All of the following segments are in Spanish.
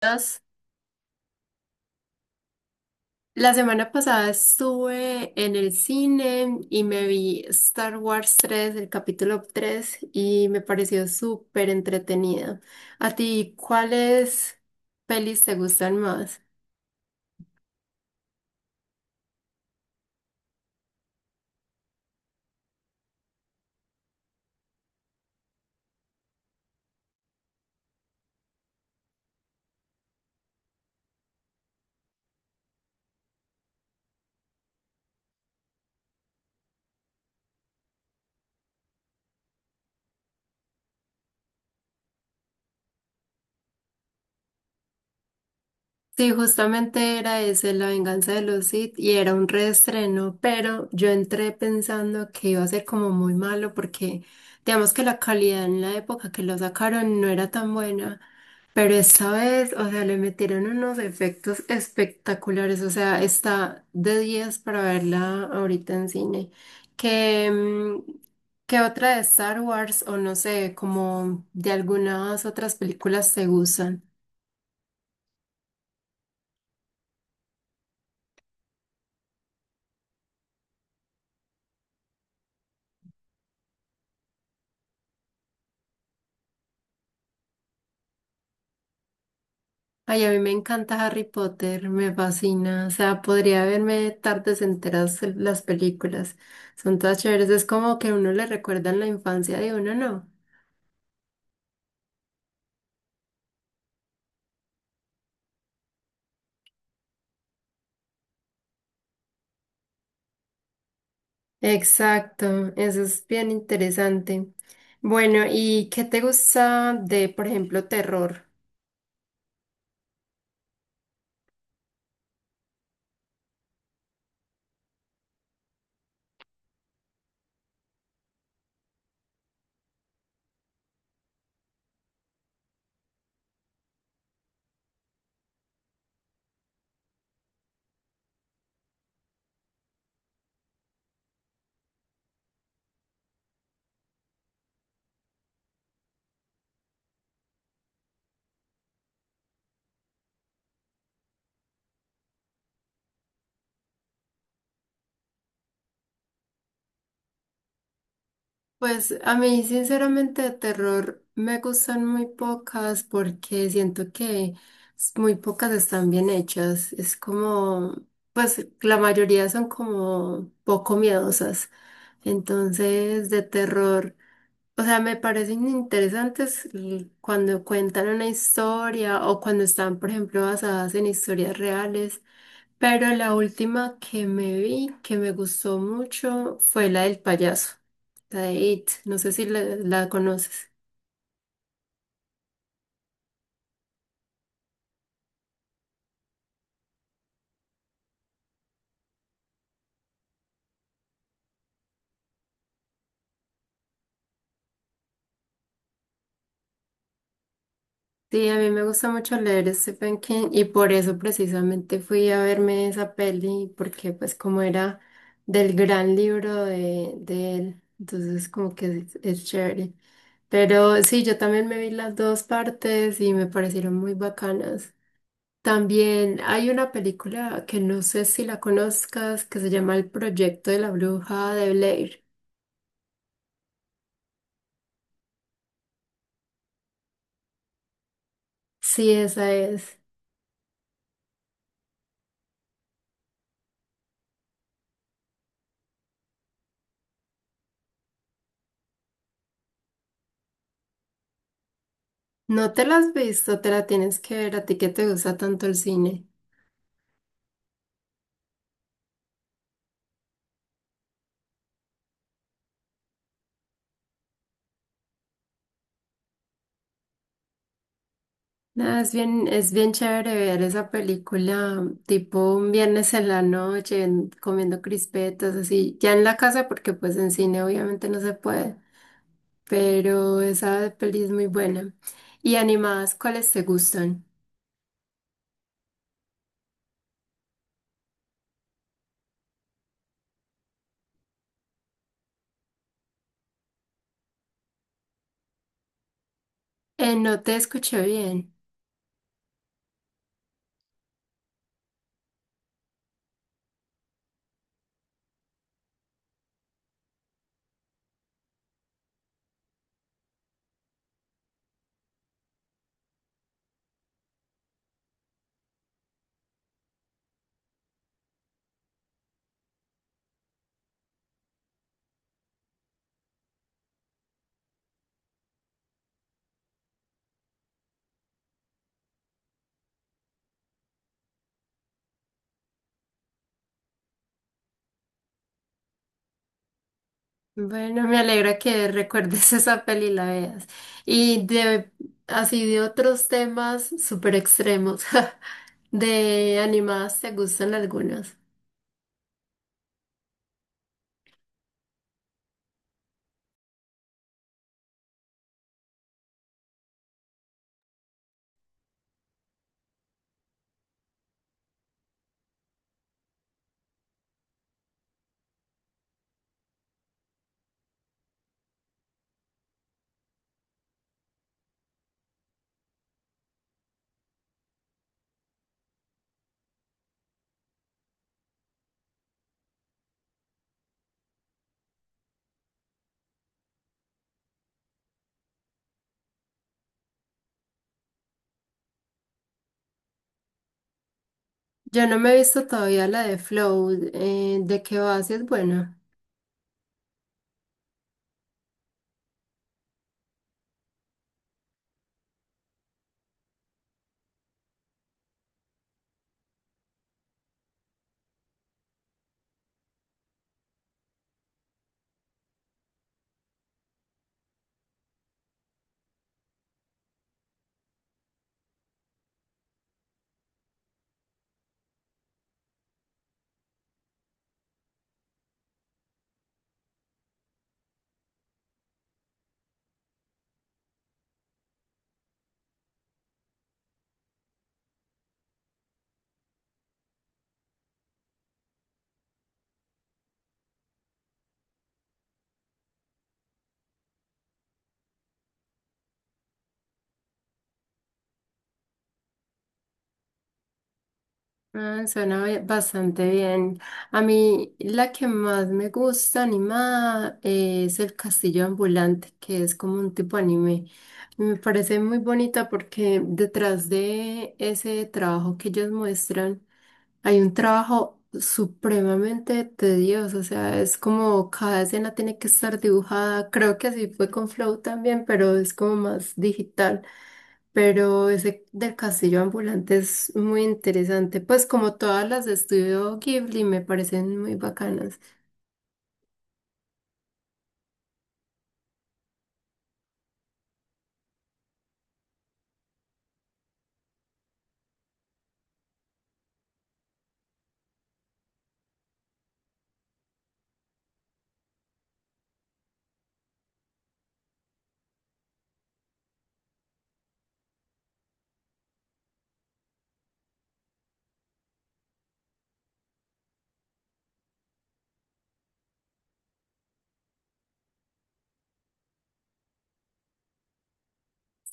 Entonces, la semana pasada estuve en el cine y me vi Star Wars 3, el capítulo 3 y me pareció súper entretenida. ¿A ti cuáles pelis te gustan más? Sí, justamente era ese, La venganza de los Sith, y era un reestreno, pero yo entré pensando que iba a ser como muy malo porque digamos que la calidad en la época que lo sacaron no era tan buena. Pero esta vez, o sea, le metieron unos efectos espectaculares, o sea, está de 10 para verla ahorita en cine. Que, ¿que otra de Star Wars o no sé, como de algunas otras películas te gustan? Ay, a mí me encanta Harry Potter, me fascina, o sea, podría verme tardes enteras las películas, son todas chéveres, es como que a uno le recuerdan la infancia de uno, ¿no? Exacto, eso es bien interesante. Bueno, ¿y qué te gusta de, por ejemplo, terror? Pues a mí, sinceramente, de terror me gustan muy pocas porque siento que muy pocas están bien hechas. Es como, pues la mayoría son como poco miedosas. Entonces, de terror. O sea, me parecen interesantes cuando cuentan una historia o cuando están, por ejemplo, basadas en historias reales. Pero la última que me vi, que me gustó mucho, fue la del payaso, la de It. No sé si la conoces. Sí, a mí me gusta mucho leer a Stephen King y por eso precisamente fui a verme esa peli, porque pues como era del gran libro de él, entonces como que es chévere. Pero sí, yo también me vi las dos partes y me parecieron muy bacanas. También hay una película que no sé si la conozcas, que se llama El Proyecto de la Bruja de Blair. Sí, esa es. No te la has visto, te la tienes que ver, a ti que te gusta tanto el cine. No, es bien chévere ver esa película tipo un viernes en la noche comiendo crispetas, así, ya en la casa porque pues en cine obviamente no se puede, pero esa peli es muy buena. Y animadas, ¿cuáles te gustan? No te escuché bien. Bueno, me alegra que recuerdes esa peli y la veas. Y de, así de otros temas súper extremos, de animadas, ¿te gustan algunas? Yo no me he visto todavía la de Flow. Eh, ¿de qué va? Si es buena. Ah, suena bastante bien. A mí la que más me gusta animada, es El Castillo Ambulante, que es como un tipo anime. Me parece muy bonita porque detrás de ese trabajo que ellos muestran hay un trabajo supremamente tedioso. O sea, es como cada escena tiene que estar dibujada. Creo que así fue con Flow también, pero es como más digital. Pero ese del castillo ambulante es muy interesante, pues como todas las de Estudio Ghibli me parecen muy bacanas.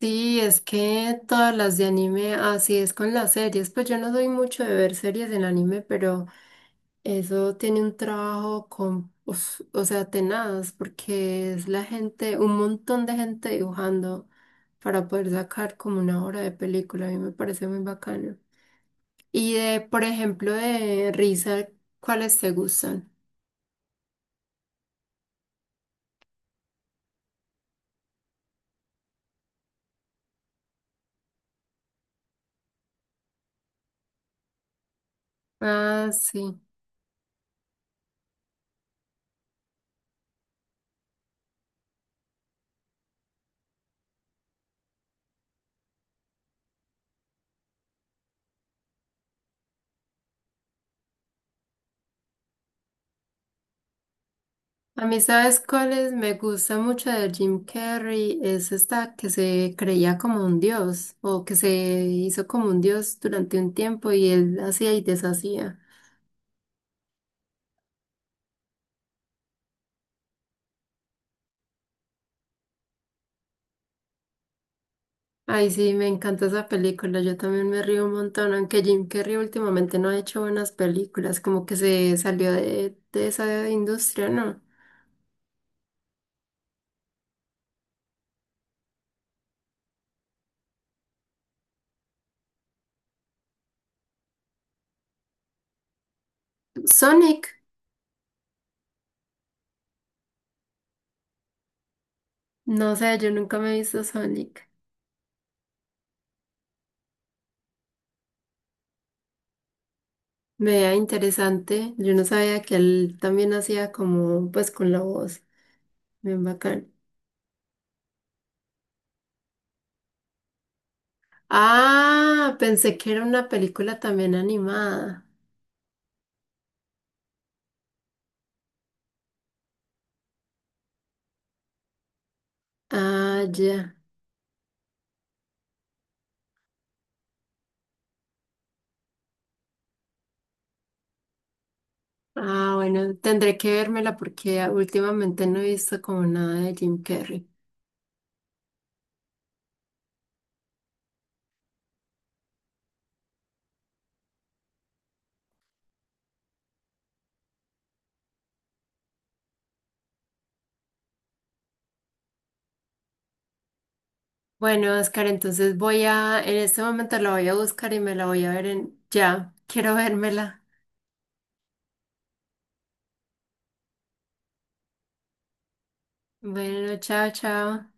Sí, es que todas las de anime, así es con las series, pues yo no soy mucho de ver series en anime, pero eso tiene un trabajo con, uf, o sea, tenaz, porque es la gente, un montón de gente dibujando para poder sacar como una hora de película, a mí me parece muy bacano. Y de, por ejemplo, de risa, ¿cuáles te gustan? Ah, sí. A mí, ¿sabes cuáles me gusta mucho de Jim Carrey? Es esta que se creía como un dios o que se hizo como un dios durante un tiempo y él hacía y deshacía. Ay, sí, me encanta esa película. Yo también me río un montón, aunque Jim Carrey últimamente no ha hecho buenas películas, como que se salió de esa industria, ¿no? Sonic, no sé, yo nunca me he visto Sonic. Vea, interesante. Yo no sabía que él también hacía como, pues, con la voz. Bien bacán. Ah, pensé que era una película también animada. Ah, ya. Ah, bueno, tendré que vérmela porque últimamente no he visto como nada de Jim Carrey. Bueno, Oscar, entonces voy a, en este momento la voy a buscar y me la voy a ver en, ya, quiero vérmela. Bueno, chao, chao.